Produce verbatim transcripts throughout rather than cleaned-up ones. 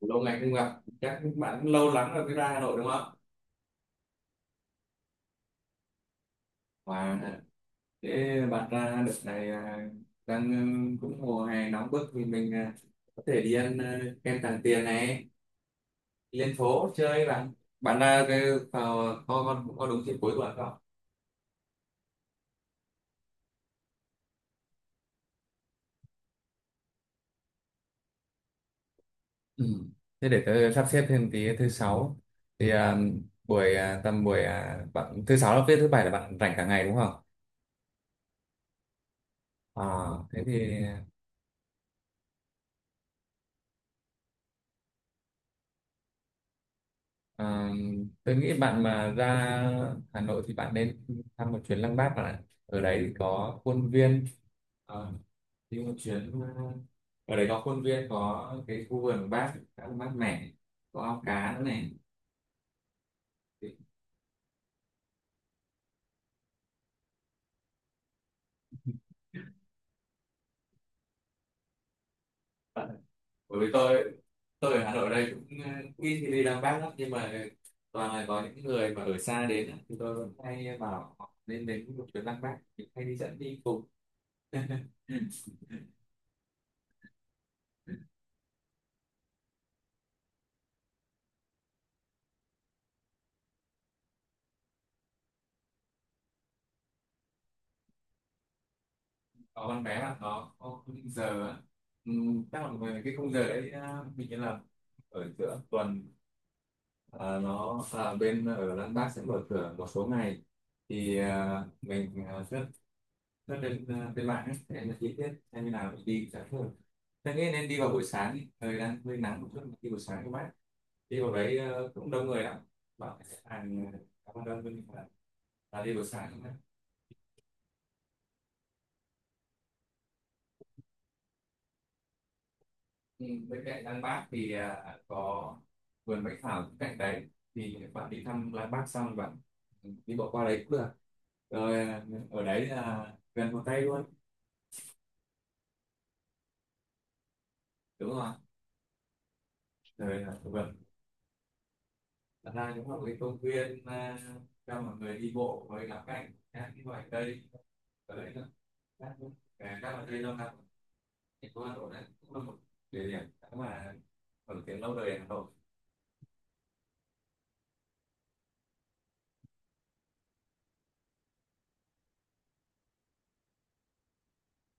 Lâu ngày không gặp, chắc bạn cũng lâu lắm rồi mới ra Hà Nội đúng không? và Thế bạn ra đợt này à? đang ừ, Cũng mùa hè nóng bức thì mình à, có thể đi ăn à, kem Tràng Tiền này, đi lên phố chơi bạn. Bạn ra cái vào có có, Có đúng dịp cuối tuần không? Ừ. Thế để tớ sắp xếp thêm tí thứ sáu thì, à, buổi, à, tầm buổi, à, bạn thứ sáu là viết, thứ bảy là bạn rảnh cả ngày đúng không? À, Thế thì, À, tôi nghĩ bạn mà ra Hà Nội thì bạn nên thăm một chuyến Lăng Bác bạn ạ. Ở đấy thì có khuôn viên, ờ, đi một chuyến, ờ, ở đấy có khuôn viên, có cái khu vườn của Bác khá là mát mẻ, có ao cá nữa này. Thì- Bởi vì tôi tôi ở Hà Nội đây cũng ờ, ít khi đi Lăng Bác lắm, nhưng mà toàn là có những người mà ở xa đến á, thì tôi vẫn hay bảo họ nên đến một chuyến Lăng Bác thì hay đi dẫn đi cùng. Có con bé là nó có quy định giờ á. ừ, Chắc là về cái khung giờ đấy, à, mình nghĩ là ở giữa tuần, à, nó, à, bên ở Lan Bác sẽ mở cửa một số ngày, thì à, mình à, rất rất lên, à, lên mạng ấy, để em là chi tiết xem như nào mình đi sẽ thường. Thế nghĩ nên đi vào buổi sáng đi, thời đang hơi nắng một chút. Đi buổi sáng các bác đi vào đấy à, cũng đông người lắm, bảo sẽ hàng cảm ơn đơn mình là đi buổi sáng. Ừ, bên cạnh Lăng Bác thì à, có vườn Bách Thảo bên cạnh đấy, thì bạn đi thăm Lăng Bác xong bạn đi bộ qua đấy cũng được rồi, à, ở đấy là gần Hồ Tây luôn. Đúng không ạ? Rồi là vườn, thật ra cũng là một cái công viên à, cho mọi người đi bộ với cả cảnh các cái loài cây ở đấy nữa, các à, các loại cây lâu năm thành phố Hà Nội đấy cũng là một địa điểm mà nổi tiếng lâu đời ở Hà Nội.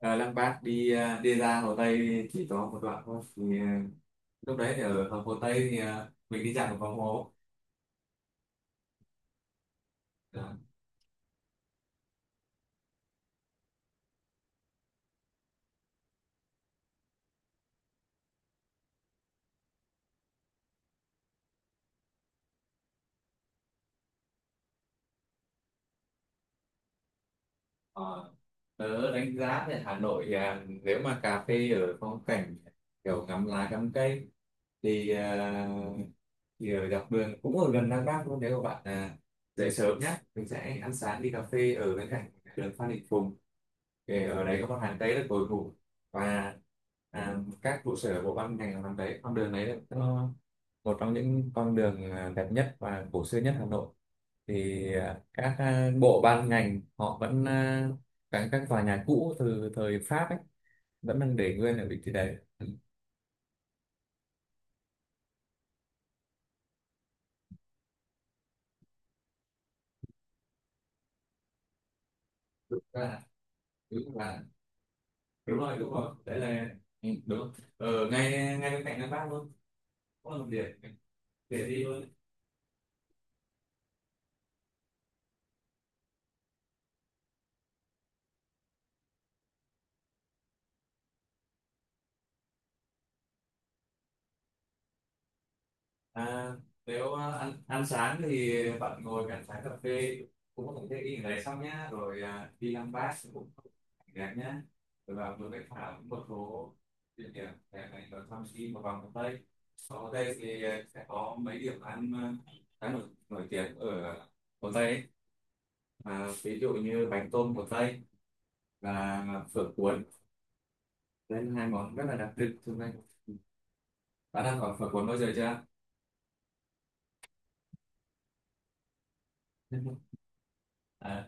à, Lăng Bác đi, à, đi ra Hồ Tây chỉ có một đoạn thôi, thì à, lúc đấy thì ở Hồ Tây thì à, mình đi dạo vòng phố. Đó. Ờ, Tớ đánh giá thì Hà Nội, à, nếu mà cà phê ở phong cảnh kiểu ngắm lá ngắm cây thì, à, thì ở dọc đường cũng ở gần Đăng Bác luôn, nếu các bạn à, dậy sớm nhé, mình sẽ ăn sáng đi cà phê ở bên cạnh đường Phan Đình Phùng. Thì ở đấy có một hàng Tây rất cổ thụ, và à, các trụ sở bộ ban ngành ở hàng đấy, con đường đấy nó một trong những con đường à, đẹp nhất và cổ xưa nhất Hà Nội. Thì à, các à, bộ ban ngành họ vẫn à, các các tòa nhà cũ từ thời Pháp ấy vẫn đang để nguyên ở vị trí đấy. Ừ, đúng là đúng là đúng rồi đúng rồi đấy là, ừ, đúng ở ngay ngay bên cạnh Ngân Bác luôn, cũng là một điểm để đi luôn. À, Nếu à, ăn ăn sáng thì bạn ngồi cạnh trái cà phê, cũng có thể ý đấy, xong nhá rồi à, đi ăn bát cũng đẹp nhá, rồi vào vừa bách thảo một số địa điểm để này rồi xong đi một vòng hồ tây. Ở hồ tây thì à, sẽ có mấy điểm ăn à, khá nổi, nổi tiếng ở hồ tây ấy. À, ví dụ như bánh tôm hồ tây và phở cuốn, đây là hai món rất là đặc trưng trong đây. Bạn ăn có phở cuốn bao giờ chưa? À,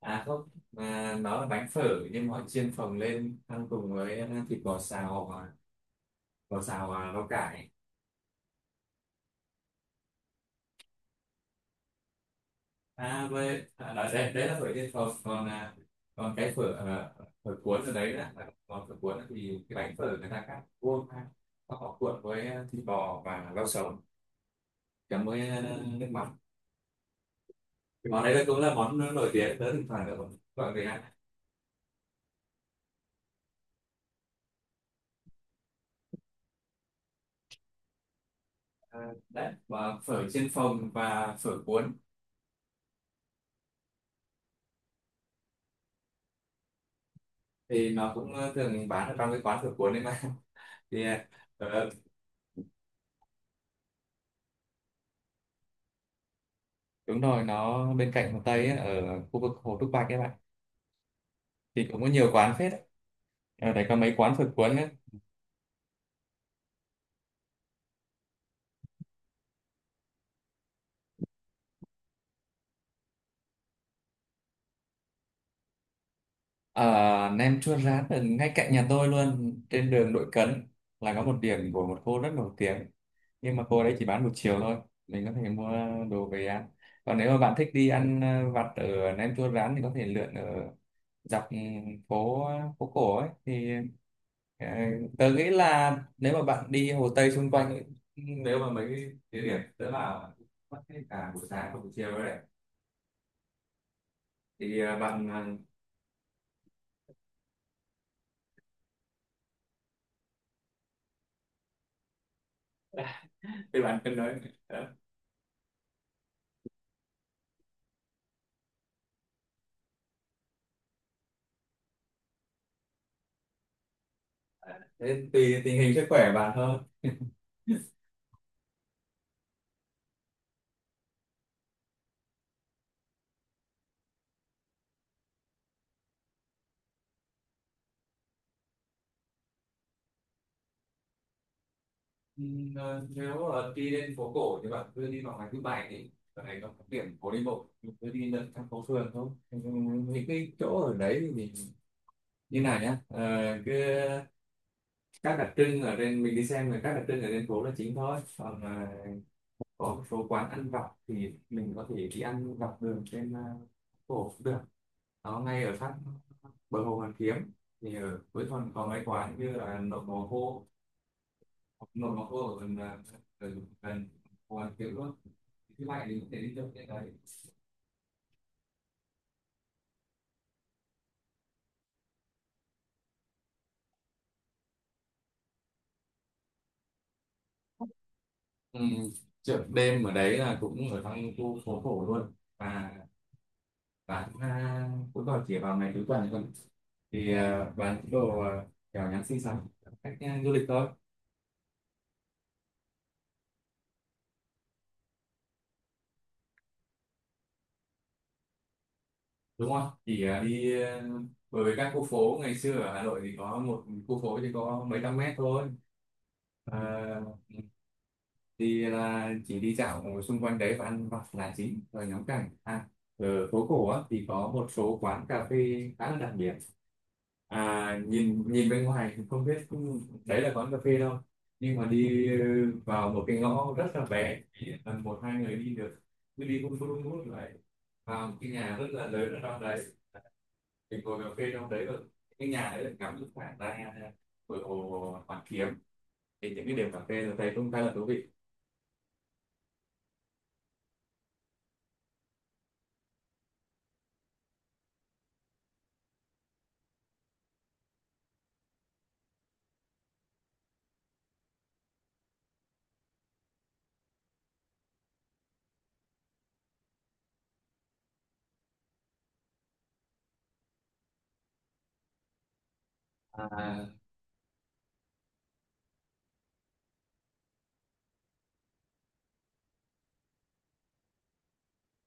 à Không, mà nó là bánh phở, nhưng mà họ chiên phồng lên ăn cùng với à, thịt bò xào và bò xào và rau cải. À với à, đó, đấy, Đấy là phở chiên phồng, còn à, còn cái phở à, phở cuốn ở đấy là là- còn phở cuốn thì cái bánh phở người ta cắt vuông ra. Và họ cuộn với à, thịt bò và rau sống, chấm với à, nước mắm. Món đấy là cũng là món nổi tiếng, tới thỉnh thoảng được gọi người ăn. à, Đấy và phở chiên phồng và phở cuốn thì nó cũng ờ, thường bán ở trong cái quán phở cuốn đấy mà. Yeah. Ờ, Đúng rồi, nó bên cạnh Hồ Tây ấy, ở khu vực Hồ Trúc Bạch các bạn, thì cũng có nhiều quán phết đấy. Ở đây có mấy quán phở cuốn ấy. ở Nem chua rán ở ngay cạnh nhà tôi luôn, trên đường Đội Cấn là có một điểm của một cô rất nổi tiếng, nhưng mà cô đấy chỉ bán một chiều thôi, mình có thể mua đồ về ăn. Còn nếu mà bạn thích đi ăn ờ, vặt ở Nem Chua Rán thì có thể lượn ở dọc, ừ, phố phố cổ ấy. Thì ờ, tớ nghĩ là nếu mà bạn đi Hồ Tây xung quanh ấy, ừ, nếu mà mấy cái địa điểm tớ bảo mất hết cả buổi sáng và buổi chiều rồi đấy, thì ờ, bạn ờ, thì bạn cân đối. ờ, Thế tùy tình hình sức khỏe bạn thôi. Ừm, ờ, Nếu ờ, đi lên phố cổ thì bạn cứ đi vào ngày thứ bảy, thì ở đấy nó có điểm phố đi bộ, mình cứ đi lượn thăm phố phường thôi. Ừm, những cái chỗ ở đấy thì mình như này nhá, ờ, cứ các đặc trưng ở trên mình đi xem, là các đặc trưng ở trên phố là chính thôi. Còn ờ, có một số quán ăn vặt thì mình có thể đi ăn dọc đường trên ờ, phố cũng được, nó ngay ở sát bờ hồ Hoàn Kiếm. Thì ở cuối tuần có mấy quán như là nộm bò khô. nó nó có ở gần à, gần gần Hồ Hoàn Kiếm luôn. Thì thứ bảy thì có thể đi chơi cái đấy. ừ, Chợ đêm ở đấy là cũng ở trong khu phố cổ luôn, và bán à, cũng vào chỉ vào ngày cuối tuần thôi, thì à, bán những đồ à, kiểu nhắn xinh xắn, cách à, du lịch thôi. Đúng không chỉ à, đi à, bởi vì các khu phố ngày xưa ở Hà Nội thì có một khu phố thì có mấy trăm mét thôi. à, thì là chỉ đi dạo ở xung quanh đấy và ăn vặt là chính, rồi ngắm cảnh, à ở phố cổ á, thì có một số quán cà phê khá là đặc biệt. à nhìn nhìn bên ngoài thì không biết đấy là quán cà phê đâu, nhưng mà đi ờ, vào một cái ngõ rất là bé chỉ tầm một hai người đi được, cứ đi vun vút vun vút lại vào một cái nhà rất là lớn ở trong đấy, mình ngồi cà phê trong đấy rồi, cái nhà đấy là ngắm được khoảng ra bờ hồ Hoàn Kiếm. Thì những cái điểm cà phê tôi thấy cũng khá là thú vị. à,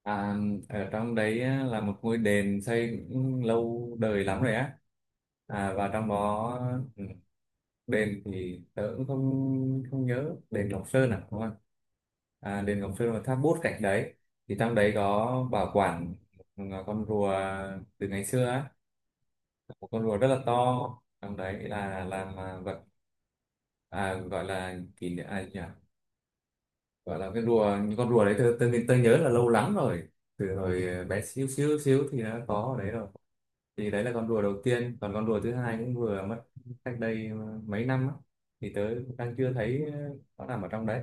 À, Ở trong đấy á, là một ngôi đền xây cũng lâu đời lắm rồi á, à, và trong đó, ừ, đền thì tớ cũng không không nhớ, đền Ngọc Sơn à đúng không? à, Đền Ngọc Sơn và tháp bút cạnh đấy, thì trong đấy có bảo quản một con rùa từ ngày xưa á, một con rùa rất là to. Trong đấy là làm à, vật, à, gọi là kỷ niệm, à, nhỉ? Gọi là cái rùa, những con rùa đấy, tôi, tôi, tôi nhớ là lâu lắm rồi. Từ hồi bé xíu xíu xíu thì nó có ở đấy rồi. Thì đấy là con rùa đầu tiên, còn con rùa thứ hai cũng vừa mất cách đây ờ, mấy năm á. Thì tớ đang chưa thấy ờ, nó nằm ở trong đấy.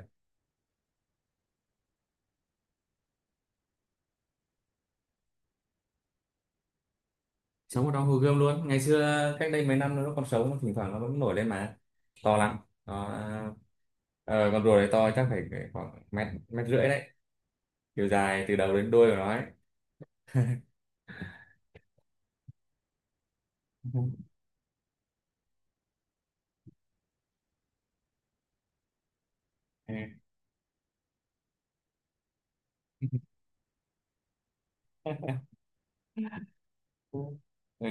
Sống ở trong hồ gươm luôn. Ngày xưa cách đây mấy năm nó còn sống, thỉnh thoảng nó vẫn nổi lên mà to lắm. Nó, ờ, ờ, con rùa đấy to chắc phải khoảng mét mét rưỡi đấy, chiều dài từ đầu đến đuôi của nó ấy. Ừ. Ừ.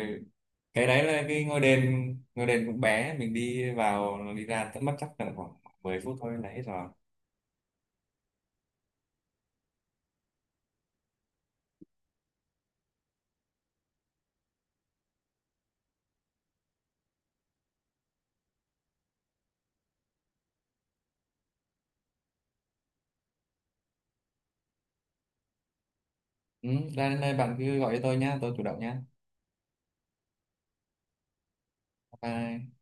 Cái đấy là cái ngôi đền ngôi đền cũng bé, mình đi vào đi ra tận mất chắc tầm khoảng mười phút thôi là hết rồi. Ừ, ra đến đây bạn cứ gọi cho tôi nhá, tôi chủ động nhá. Bye. Bye.